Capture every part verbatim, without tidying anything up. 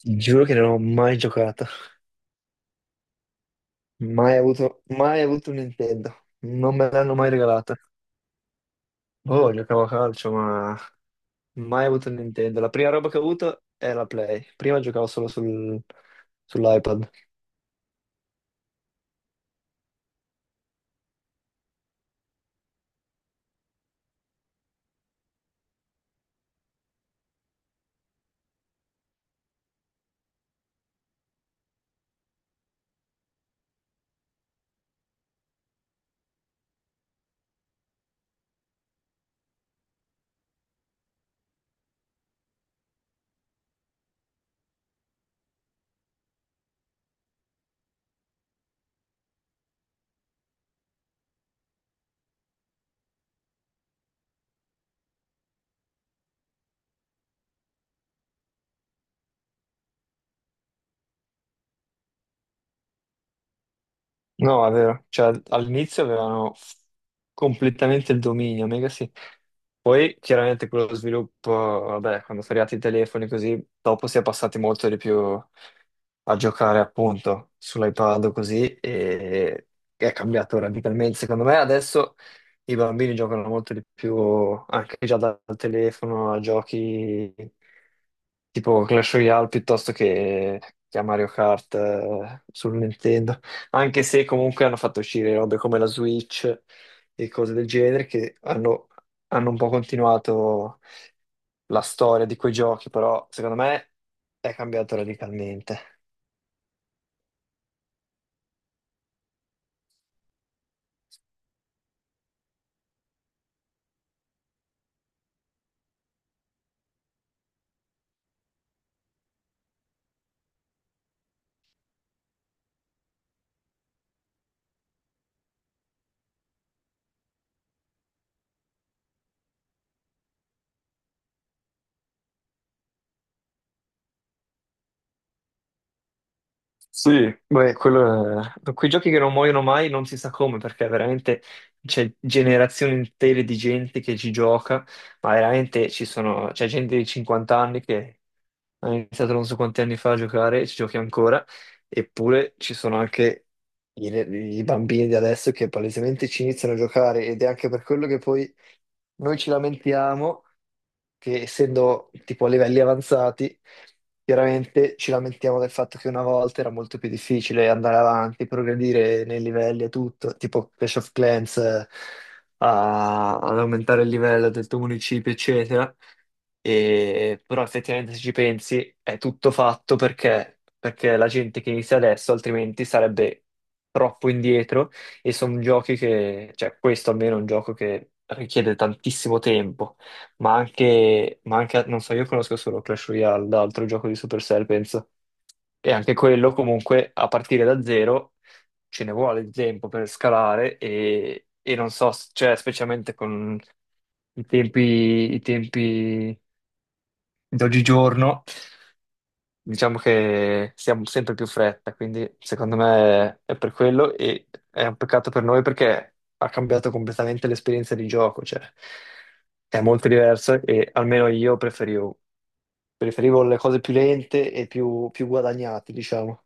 Ti giuro che non ho mai giocato, mai avuto, mai avuto un Nintendo, non me l'hanno mai regalata. Oh, giocavo a calcio, ma mai avuto un Nintendo. La prima roba che ho avuto è la Play. Prima giocavo solo sul- sull'iPad. No, è vero. Cioè, all'inizio avevano f- completamente il dominio, mega sì. Poi chiaramente quello sviluppo, vabbè, quando sono arrivati i telefoni così, dopo si è passati molto di più a giocare appunto sull'iPad o così e è cambiato radicalmente. Secondo me adesso i bambini giocano molto di più anche già dal telefono a giochi tipo Clash Royale piuttosto che, che a Mario Kart eh, sul Nintendo. Anche se comunque hanno fatto uscire robe come la Switch e cose del genere che hanno, hanno un po' continuato la storia di quei giochi, però secondo me è cambiato radicalmente. Sì, beh, quello è quei giochi che non muoiono mai non si sa come, perché veramente c'è generazioni intere di gente che ci gioca, ma veramente ci sono, c'è gente di cinquanta anni che ha iniziato non so quanti anni fa a giocare e ci giochi ancora, eppure ci sono anche i, i bambini di adesso che palesemente ci iniziano a giocare ed è anche per quello che poi noi ci lamentiamo che essendo tipo a livelli avanzati, chiaramente ci lamentiamo del fatto che una volta era molto più difficile andare avanti, progredire nei livelli e tutto, tipo Clash of Clans, eh, a- ad aumentare il livello del tuo municipio, eccetera. E- però effettivamente se ci pensi è tutto fatto perché, perché la gente che inizia adesso altrimenti sarebbe troppo indietro e sono giochi che, cioè questo almeno è un gioco che richiede tantissimo tempo ma anche, ma anche- non so, io conosco solo Clash Royale, l'altro gioco di Supercell, penso. E anche quello comunque a partire da zero ce ne vuole di tempo per scalare e, e non so, s- cioè specialmente con i tempi, i tempi d'oggigiorno, diciamo che siamo sempre più fretta, quindi secondo me è per quello e è un peccato per noi perché ha cambiato completamente l'esperienza di gioco, cioè è molto diverso e almeno io preferivo preferivo le cose più lente e più, più guadagnate, diciamo.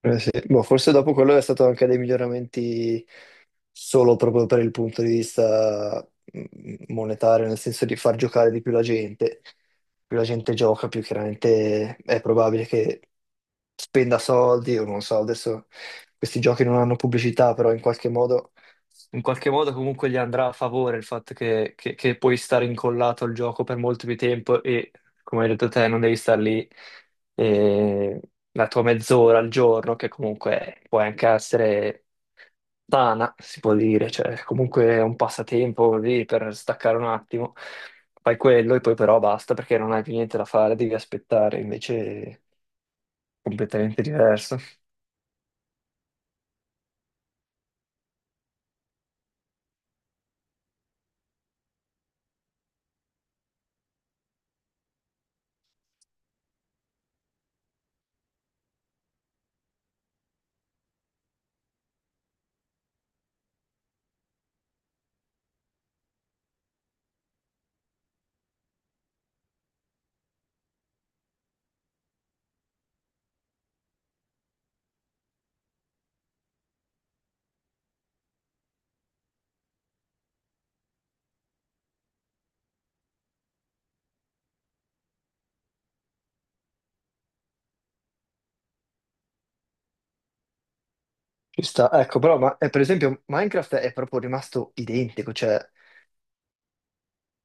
Eh sì. Boh, forse dopo quello è stato anche dei miglioramenti solo proprio per il punto di vista mm, monetario, nel senso di far giocare di più la gente. Più la gente gioca, più chiaramente è probabile che spenda soldi, o non so, adesso questi giochi non hanno pubblicità, però in qualche modo, in qualche modo comunque gli andrà a favore il fatto che, che- che puoi stare incollato al gioco per molto più tempo e, come hai detto te, non devi star lì eh, la tua mezz'ora al giorno, che comunque può anche essere sana, si può dire, cioè comunque è un passatempo così per staccare un attimo. Fai quello e poi però basta perché non hai più niente da fare, devi aspettare, invece è completamente diverso. Ci sta, ecco, però ma, eh, per esempio Minecraft è proprio rimasto identico, cioè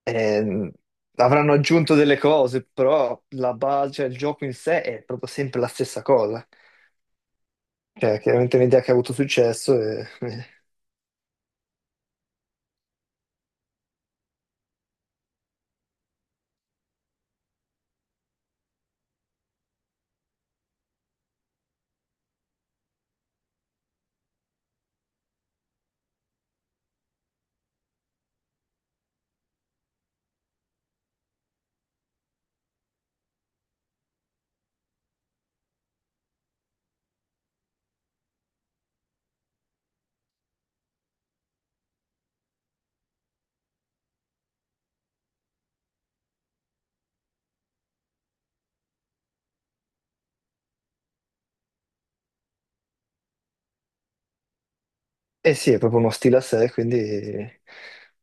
ehm, avranno aggiunto delle cose, però la base, cioè, il gioco in sé è proprio sempre la stessa cosa. Cioè, chiaramente è un'idea che ha avuto successo e, e sì, è proprio uno stile a sé, quindi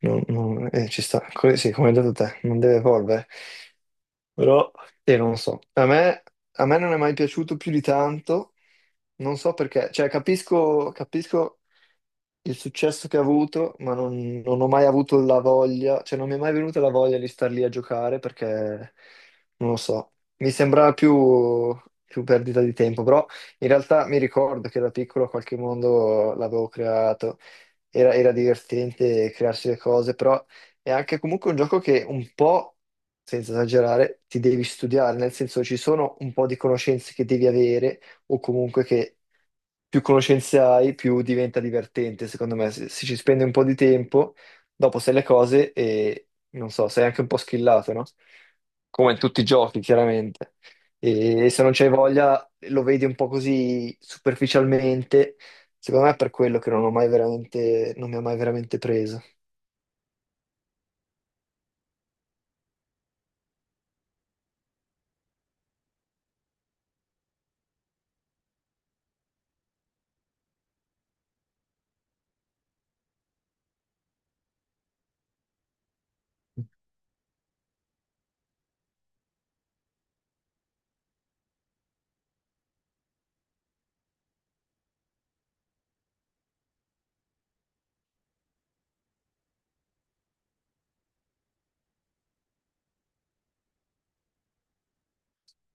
non- non- eh, ci sta. Co- sì, come hai detto te, non deve evolvere. Però, eh, non so, a me, a me non è mai piaciuto più di tanto, non so perché, cioè capisco, capisco il successo che ha avuto, ma non, non ho mai avuto la voglia, cioè non mi è mai venuta la voglia di star lì a giocare perché non lo so, mi sembrava più, più perdita di tempo, però in realtà mi ricordo che da piccolo qualche mondo l'avevo creato, era, era divertente crearsi le cose, però è anche comunque un gioco che un po', senza esagerare, ti devi studiare, nel senso ci sono un po' di conoscenze che devi avere o comunque che più conoscenze hai, più diventa divertente, secondo me. Se, se ci spendi un po' di tempo, dopo sai le cose e, non so, sei anche un po' schillato, no? Come in tutti i giochi, chiaramente. E se non c'hai voglia, lo vedi un po' così superficialmente. Secondo me è per quello che non ho mai veramente, non mi ha mai veramente preso.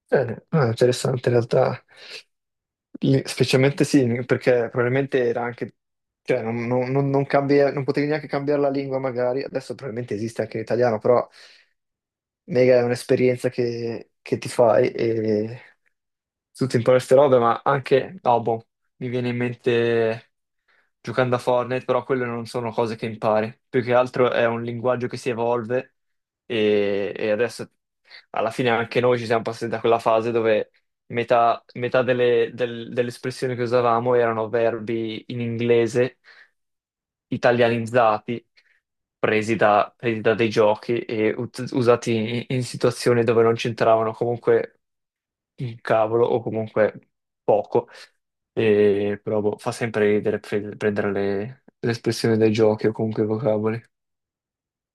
Bene, ah, interessante in realtà. Lì- Specialmente sì, perché probabilmente era anche, cioè non, non- non- non cambia- non potevi neanche cambiare la lingua magari, adesso probabilmente esiste anche in italiano, però mega è un'esperienza che, che ti fai e tu ti impari queste robe, ma anche, no, boh, mi viene in mente giocando a Fortnite, però quelle non sono cose che impari. Più che altro è un linguaggio che si evolve e, e adesso alla fine anche noi ci siamo passati da quella fase dove metà, metà delle, del- delle espressioni che usavamo erano verbi in inglese italianizzati, presi da, presi da dei giochi e ut- usati in, in situazioni dove non c'entravano comunque il cavolo o comunque poco, e, però boh, fa sempre ridere pre- prendere le, le espressioni dai giochi o comunque i vocaboli.